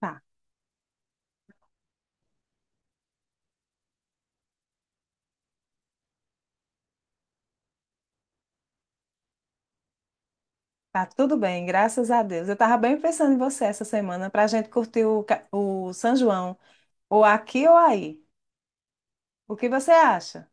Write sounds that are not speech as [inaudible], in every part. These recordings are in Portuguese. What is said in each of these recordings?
Tá, tá tudo bem, graças a Deus. Eu tava bem pensando em você essa semana pra gente curtir o São João, ou aqui ou aí. O que você acha?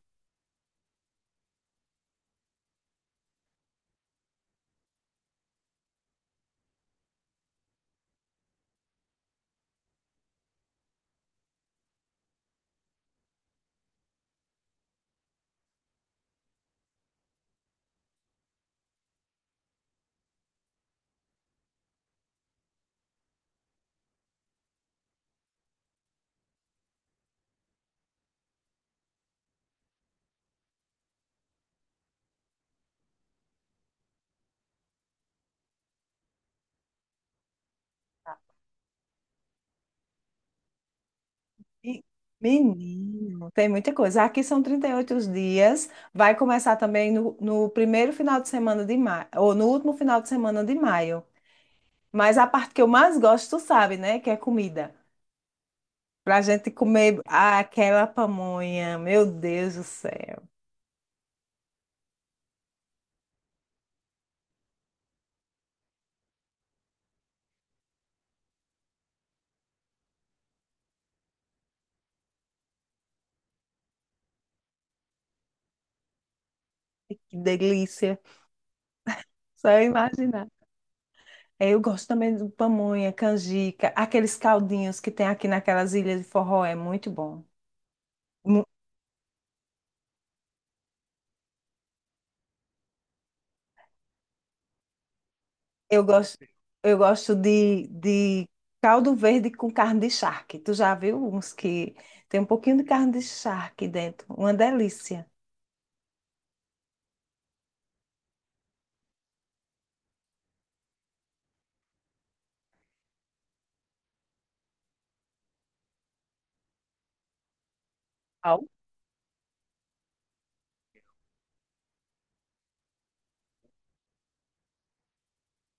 Tá. E- Menino, tem muita coisa. Aqui são 38 os dias. Vai começar também no primeiro final de semana de maio, ou no último final de semana de maio. Mas a parte que eu mais gosto, tu sabe, né? Que é comida. Pra gente comer aquela pamonha. Meu Deus do céu, que delícia. Só imaginar. É, eu gosto também do pamonha, canjica, aqueles caldinhos que tem aqui naquelas ilhas de forró, é muito bom. Mu- Eu gosto, eu gosto de caldo verde com carne de charque. Tu já viu uns que tem um pouquinho de carne de charque dentro? Uma delícia. Au.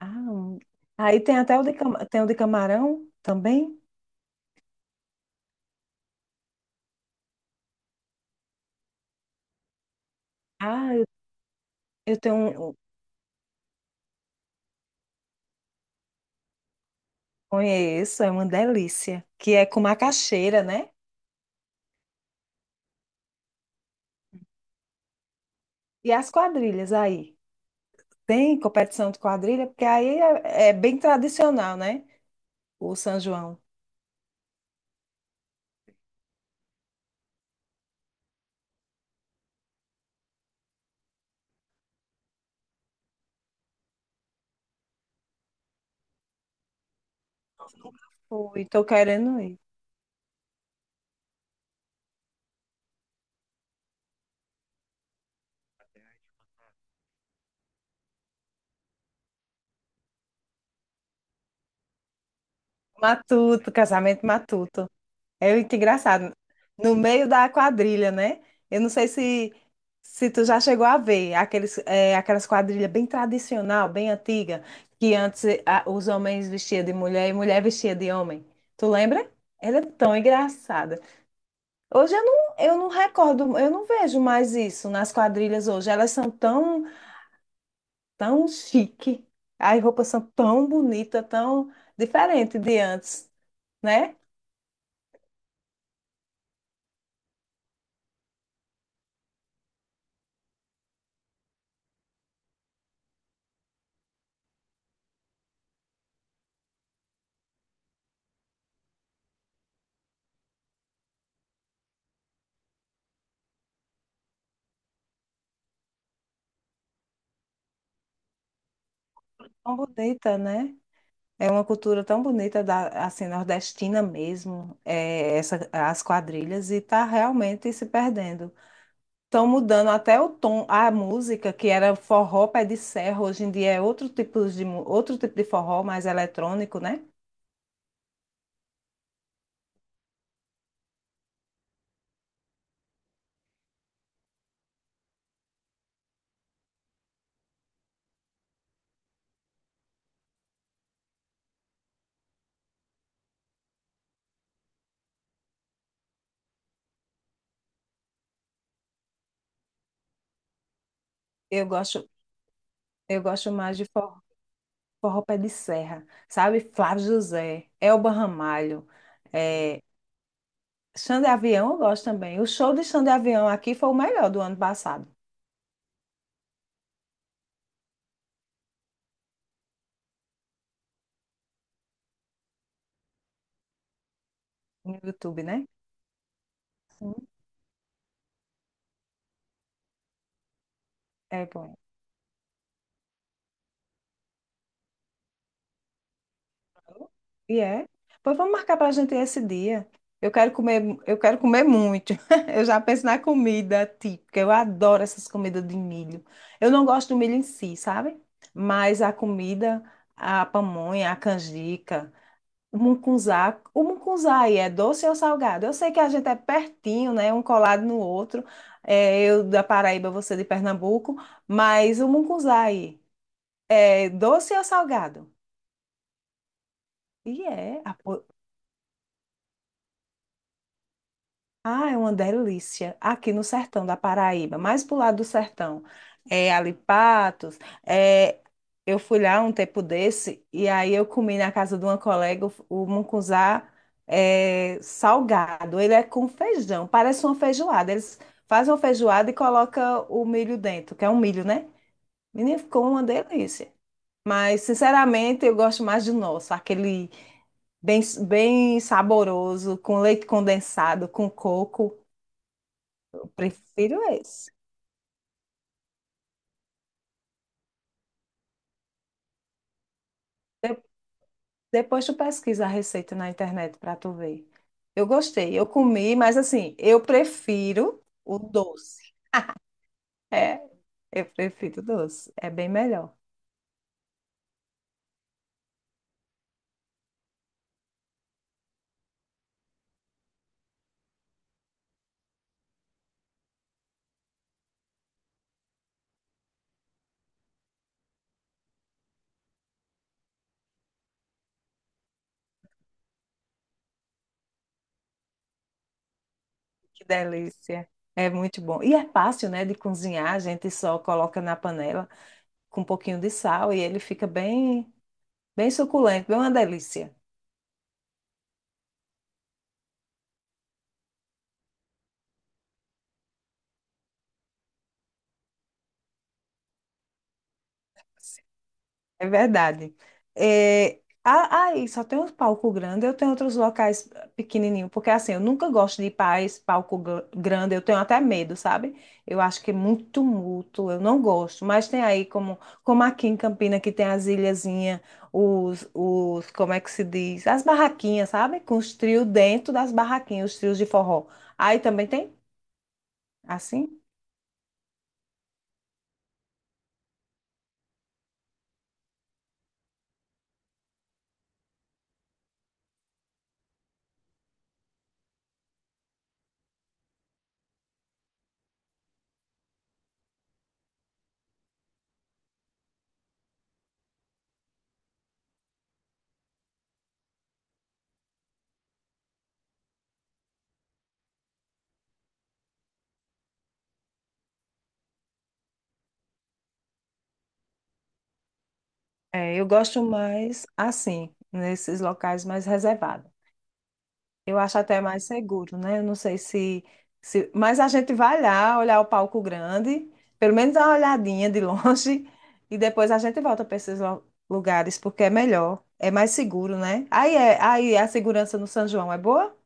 Ah. Aí tem até o tem o de camarão também. Ah, eu, eu tenho conheço, é uma delícia, que é com macaxeira, né? E as quadrilhas aí. Tem competição de quadrilha, porque aí é bem tradicional, né? O São João. Fui, tô querendo ir. Matuto, casamento matuto. É muito engraçado. No meio da quadrilha, né? Eu não sei se tu já chegou a ver aqueles, aquelas quadrilhas bem tradicional, bem antiga, que antes os homens vestiam de mulher e mulher vestia de homem. Tu lembra? Ela é tão engraçada. Hoje eu não recordo, eu não vejo mais isso nas quadrilhas hoje. Elas são tão chique. As roupas são tão bonitas, tão diferente de antes, né? Tão bonita, né? É uma cultura tão bonita da, assim, nordestina mesmo, as quadrilhas, e tá realmente se perdendo. Estão mudando até o tom, a música, que era forró pé de serra, hoje em dia é outro tipo outro tipo de forró, mais eletrônico, né? Eu gosto, eu gosto mais de forró, forró pé de serra, sabe? Flávio José, Elba Ramalho. É, Xande Avião eu gosto também. O show de Xande Avião aqui foi o melhor do ano passado, no YouTube, né? Sim. É bom. E é. Pois vamos marcar pra gente esse dia. Eu quero comer muito. [laughs] Eu já penso na comida típica. Eu adoro essas comidas de milho. Eu não gosto do milho em si, sabe? Mas a comida, a pamonha, a canjica, o mucunzá, o mucunzá aí é doce ou salgado? Eu sei que a gente é pertinho, né? Um colado no outro. É, eu da Paraíba, você de Pernambuco. Mas o mucunzá aí é doce ou salgado? E é. Ah, é uma delícia. Aqui no sertão da Paraíba, mais pro lado do sertão. É ali Patos. É, eu fui lá um tempo desse e aí eu comi na casa de uma colega o mucunzá é, salgado. Ele é com feijão, parece uma feijoada. Eles fazem uma feijoada e colocam o milho dentro, que é um milho, né? Menina, ficou uma delícia. Mas, sinceramente, eu gosto mais do nosso, aquele bem, bem saboroso, com leite condensado, com coco. Prefiro esse. De- Depois tu pesquisa a receita na internet para tu ver. Eu gostei, eu comi, mas assim, eu prefiro o doce. É, eu prefiro o doce. É bem melhor. Que delícia. É muito bom. E é fácil, né, de cozinhar. A gente só coloca na panela com um pouquinho de sal e ele fica bem, bem suculento, bem uma delícia. É verdade. É, aí só tem os palco grande, eu tenho outros locais pequenininho, porque assim, eu nunca gosto de ir para esse palco grande, eu tenho até medo, sabe? Eu acho que é muito tumulto, eu não gosto. Mas tem aí como, como aqui em Campina que tem as ilhazinhas, como é que se diz? As barraquinhas, sabe? Com os trios dentro das barraquinhas, os trios de forró. Aí também tem assim? É, eu gosto mais assim, nesses locais mais reservados. Eu acho até mais seguro, né? Eu não sei se... Mas a gente vai lá olhar o palco grande, pelo menos dar uma olhadinha de [laughs] longe, e depois a gente volta para esses lugares, porque é melhor, é mais seguro, né? Aí a segurança no São João é boa?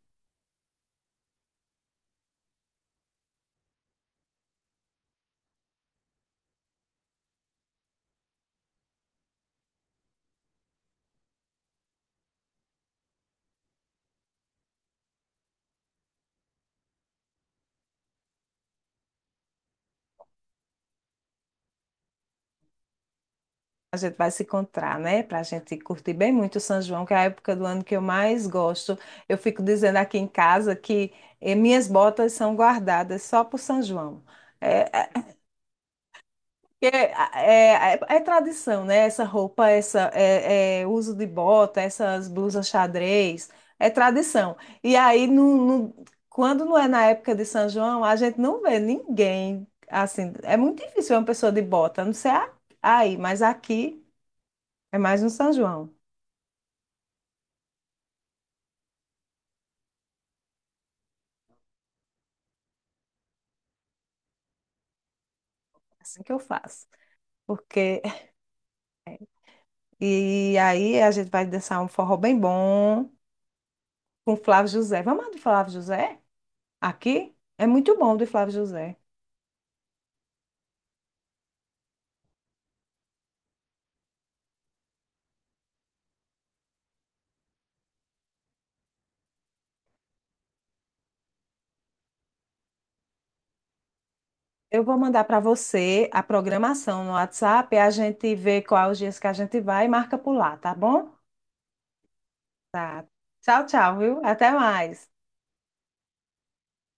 A gente vai se encontrar, né? Para a gente curtir bem muito o São João, que é a época do ano que eu mais gosto. Eu fico dizendo aqui em casa que minhas botas são guardadas só para o São João. É, É tradição, né? Essa roupa, uso de bota, essas blusas xadrez, é tradição. E aí, quando não é na época de São João, a gente não vê ninguém assim. É muito difícil ver uma pessoa de bota, a não ser aí, mas aqui é mais no São João. É assim que eu faço. Porque [laughs] e aí a gente vai dançar um forró bem bom com Flávio José. Vamos lá do Flávio José? Aqui é muito bom do Flávio José. Eu vou mandar para você a programação no WhatsApp, e a gente vê quais os dias que a gente vai e marca por lá, tá bom? Tchau, tchau, viu? Até mais.